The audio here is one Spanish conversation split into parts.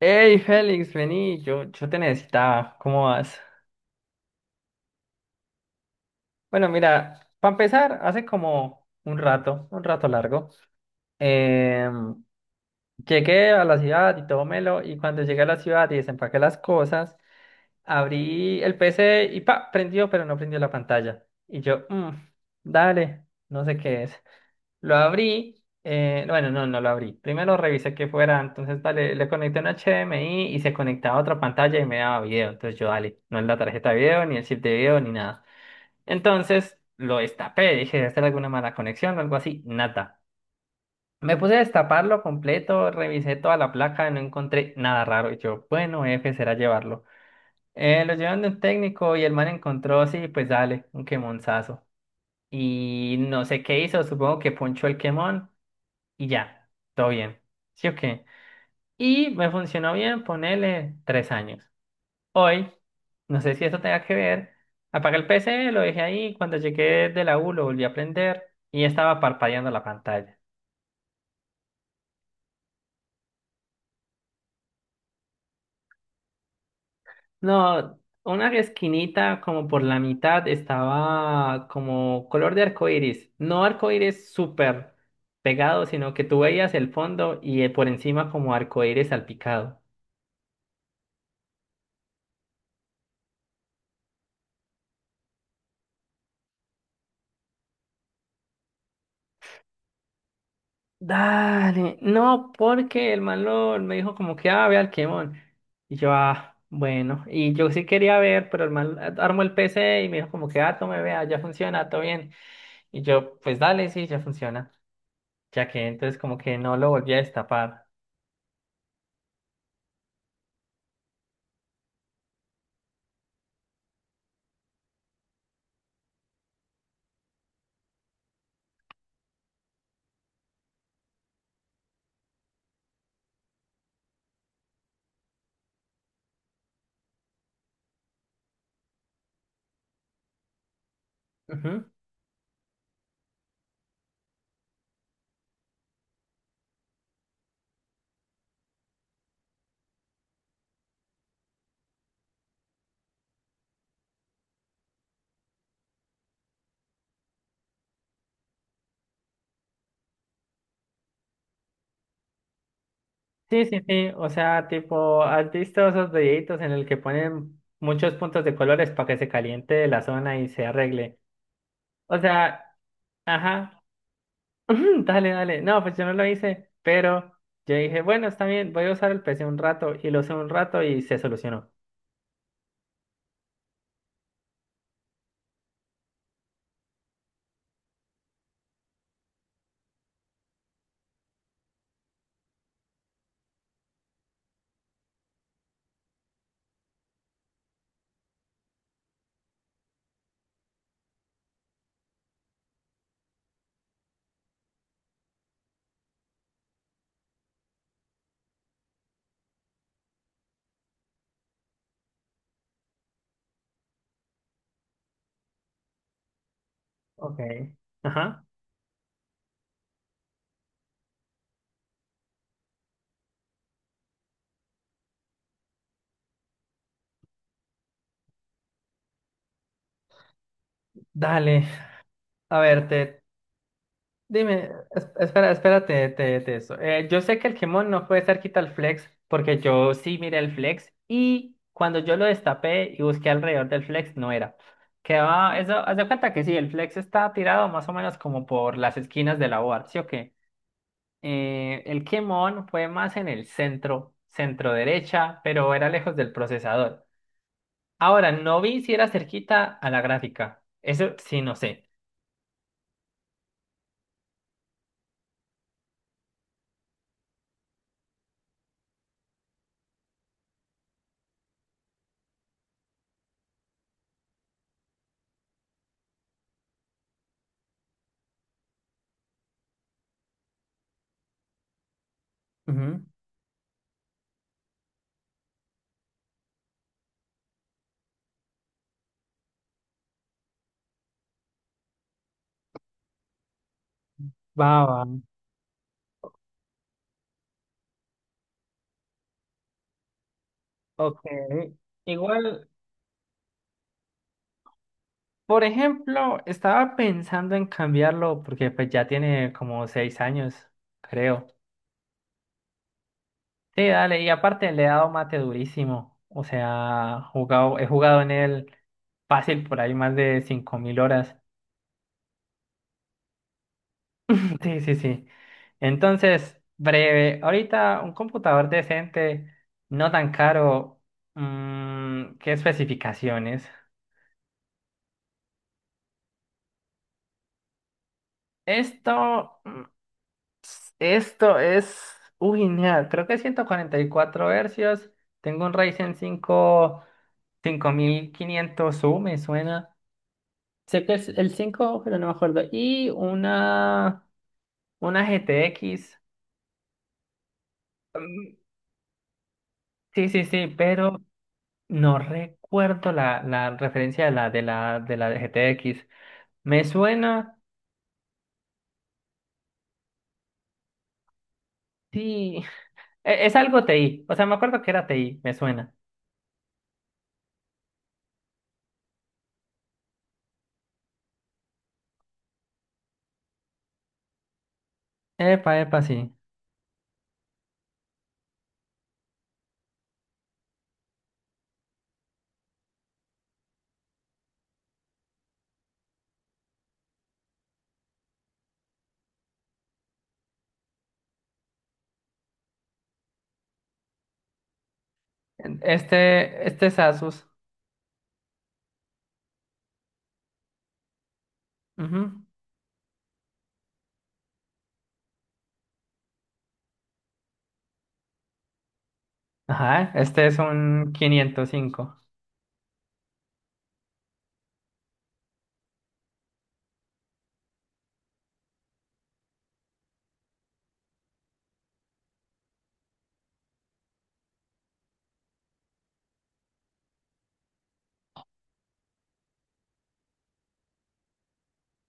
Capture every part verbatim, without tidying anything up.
Hey Félix, vení, yo, yo te necesitaba, ¿cómo vas? Bueno, mira, para empezar, hace como un rato, un rato largo, em, llegué a la ciudad y todo melo, y cuando llegué a la ciudad y desempaqué las cosas, abrí el P C y pa, prendió, pero no prendió la pantalla. Y yo, "Mm, dale, no sé qué es." Lo abrí, eh, bueno, no, no lo abrí. Primero revisé que fuera, entonces dale, le conecté un H D M I y se conectaba a otra pantalla y me daba video. Entonces yo, dale, no es la tarjeta de video, ni el chip de video, ni nada. Entonces lo destapé, dije, debe ser alguna mala conexión o algo así, nada. Me puse a destaparlo completo, revisé toda la placa, no encontré nada raro. Y yo, bueno, F será llevarlo. Eh, lo llevan de un técnico y el man encontró, sí, pues dale, un quemonzazo. Y no sé qué hizo, supongo que ponchó el quemón y ya, todo bien. ¿Sí o qué? Y me funcionó bien, ponele tres años. Hoy, no sé si eso tenga que ver, apagué el P C, lo dejé ahí, cuando llegué de la U lo volví a prender y estaba parpadeando la pantalla. No, una esquinita como por la mitad estaba como color de arco iris, no arco iris súper pegado, sino que tú veías el fondo y eh, por encima como arco iris salpicado. Dale, no, porque el malo me dijo como que, ah, ve al Kemon. Y yo, ah, bueno, y yo sí quería ver, pero el man armó el P C y me dijo como que, ah, tome, vea, ya funciona, todo bien. Y yo, pues dale, sí, ya funciona. Ya que entonces como que no lo volví a destapar. Ujú. Sí, sí, sí, o sea, tipo, ¿has visto esos videitos en el que ponen muchos puntos de colores para que se caliente la zona y se arregle? O sea, ajá. Dale, dale. No, pues yo no lo hice, pero yo dije, bueno, está bien, voy a usar el P C un rato y lo usé un rato y se solucionó. Ok. Ajá. Dale. A ver, te, dime, es- espera, espérate, te, te, eso. Eh, yo sé que el Gemón no puede estar quita el flex, porque yo sí miré el flex y cuando yo lo destapé y busqué alrededor del flex, no era. Quedaba, eso, haz de cuenta que sí, el flex está tirado más o menos como por las esquinas de la board, ¿sí o qué? Eh, el Kemon fue más en el centro, centro derecha, pero era lejos del procesador. Ahora, no vi si era cerquita a la gráfica. Eso sí, no sé. Ujú. Va, va. Ok. Igual, por ejemplo, estaba pensando en cambiarlo porque pues ya tiene como seis años, creo. Sí, dale, y aparte le he dado mate durísimo. O sea, jugado, he jugado en él fácil por ahí más de cinco mil horas. Sí, sí, sí. Entonces, breve, ahorita un computador decente, no tan caro, mm, ¿qué especificaciones? Esto, esto es, uy, nea, creo que ciento cuarenta y cuatro hercios, tengo un Ryzen cinco cinco mil quinientos u me suena, sé que es el cinco pero no me acuerdo, y una, una G T X, mm, sí, sí, sí, pero no recuerdo la, la referencia de la, de la, de la de G T X. Me suena, sí. e- Es, algo T I. O sea, me acuerdo que era T I, me suena. Epa, epa, sí. Este, este es Asus. Ujú. Ajá, este es un quinientos cinco.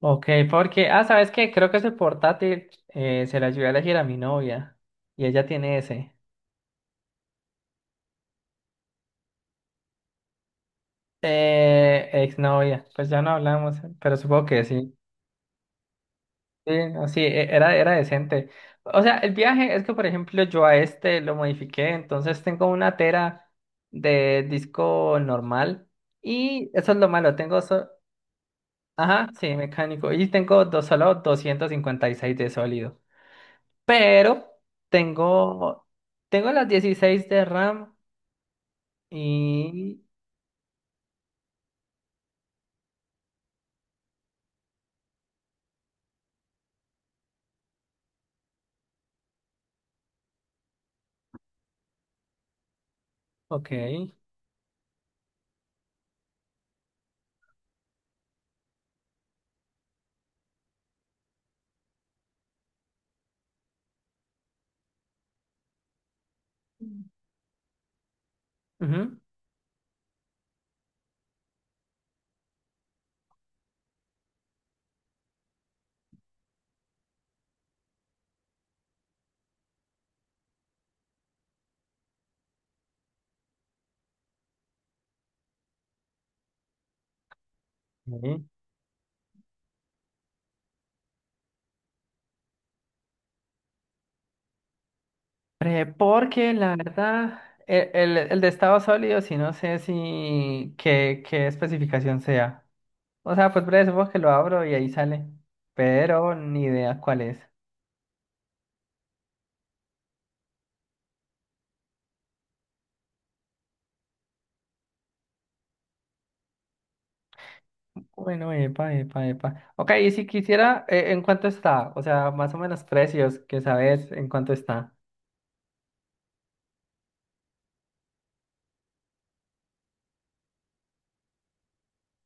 Ok, porque, ah, ¿sabes qué? Creo que ese portátil eh, se la ayudé a elegir a mi novia. Y ella tiene ese. Eh, exnovia. Pues ya no hablamos, pero supongo que sí. Sí, no, sí, e- era, era decente. O sea, el viaje es que, por ejemplo, yo a este lo modifiqué, entonces tengo una tera de disco normal y eso es lo malo, tengo, so- ajá, sí, mecánico, y tengo dos, solo doscientos cincuenta y seis de sólido, pero tengo, tengo las dieciséis de RAM y, ok, ujú. Eh, porque la verdad, e- el, el de estado sólido, sí no sé si qué, qué especificación sea. O sea, pues breve, supongo que lo abro y ahí sale. Pero ni idea cuál es. Bueno, epa, epa, epa. Ok, y si quisiera, eh, ¿en cuánto está? O sea, más o menos precios, que sabes en cuánto está.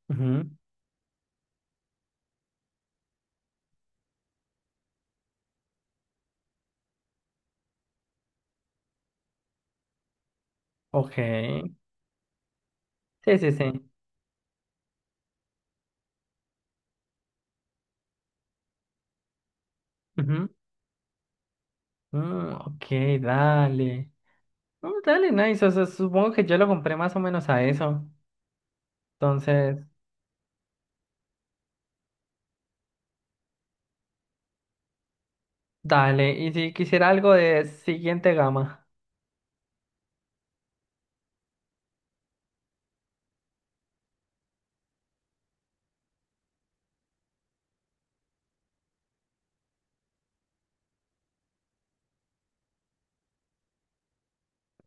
Ujú. Ok. Sí, sí, sí. Ujú. Mm, ok, dale. Mm, dale, nice. O sea, supongo que yo lo compré más o menos a eso. Entonces. Dale, y si quisiera algo de siguiente gama.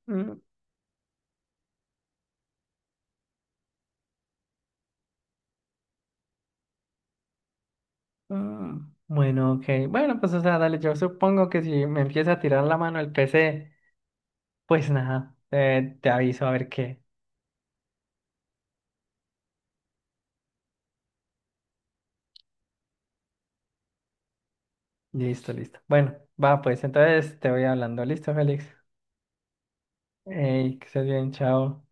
Mm, mm. Bueno, ok. Bueno, pues o sea, dale, yo supongo que si me empieza a tirar la mano el P C, pues nada, eh, te aviso a ver qué. Listo, listo. Bueno, va, pues entonces te voy hablando. Listo, Félix. Ey, que estés bien, chao.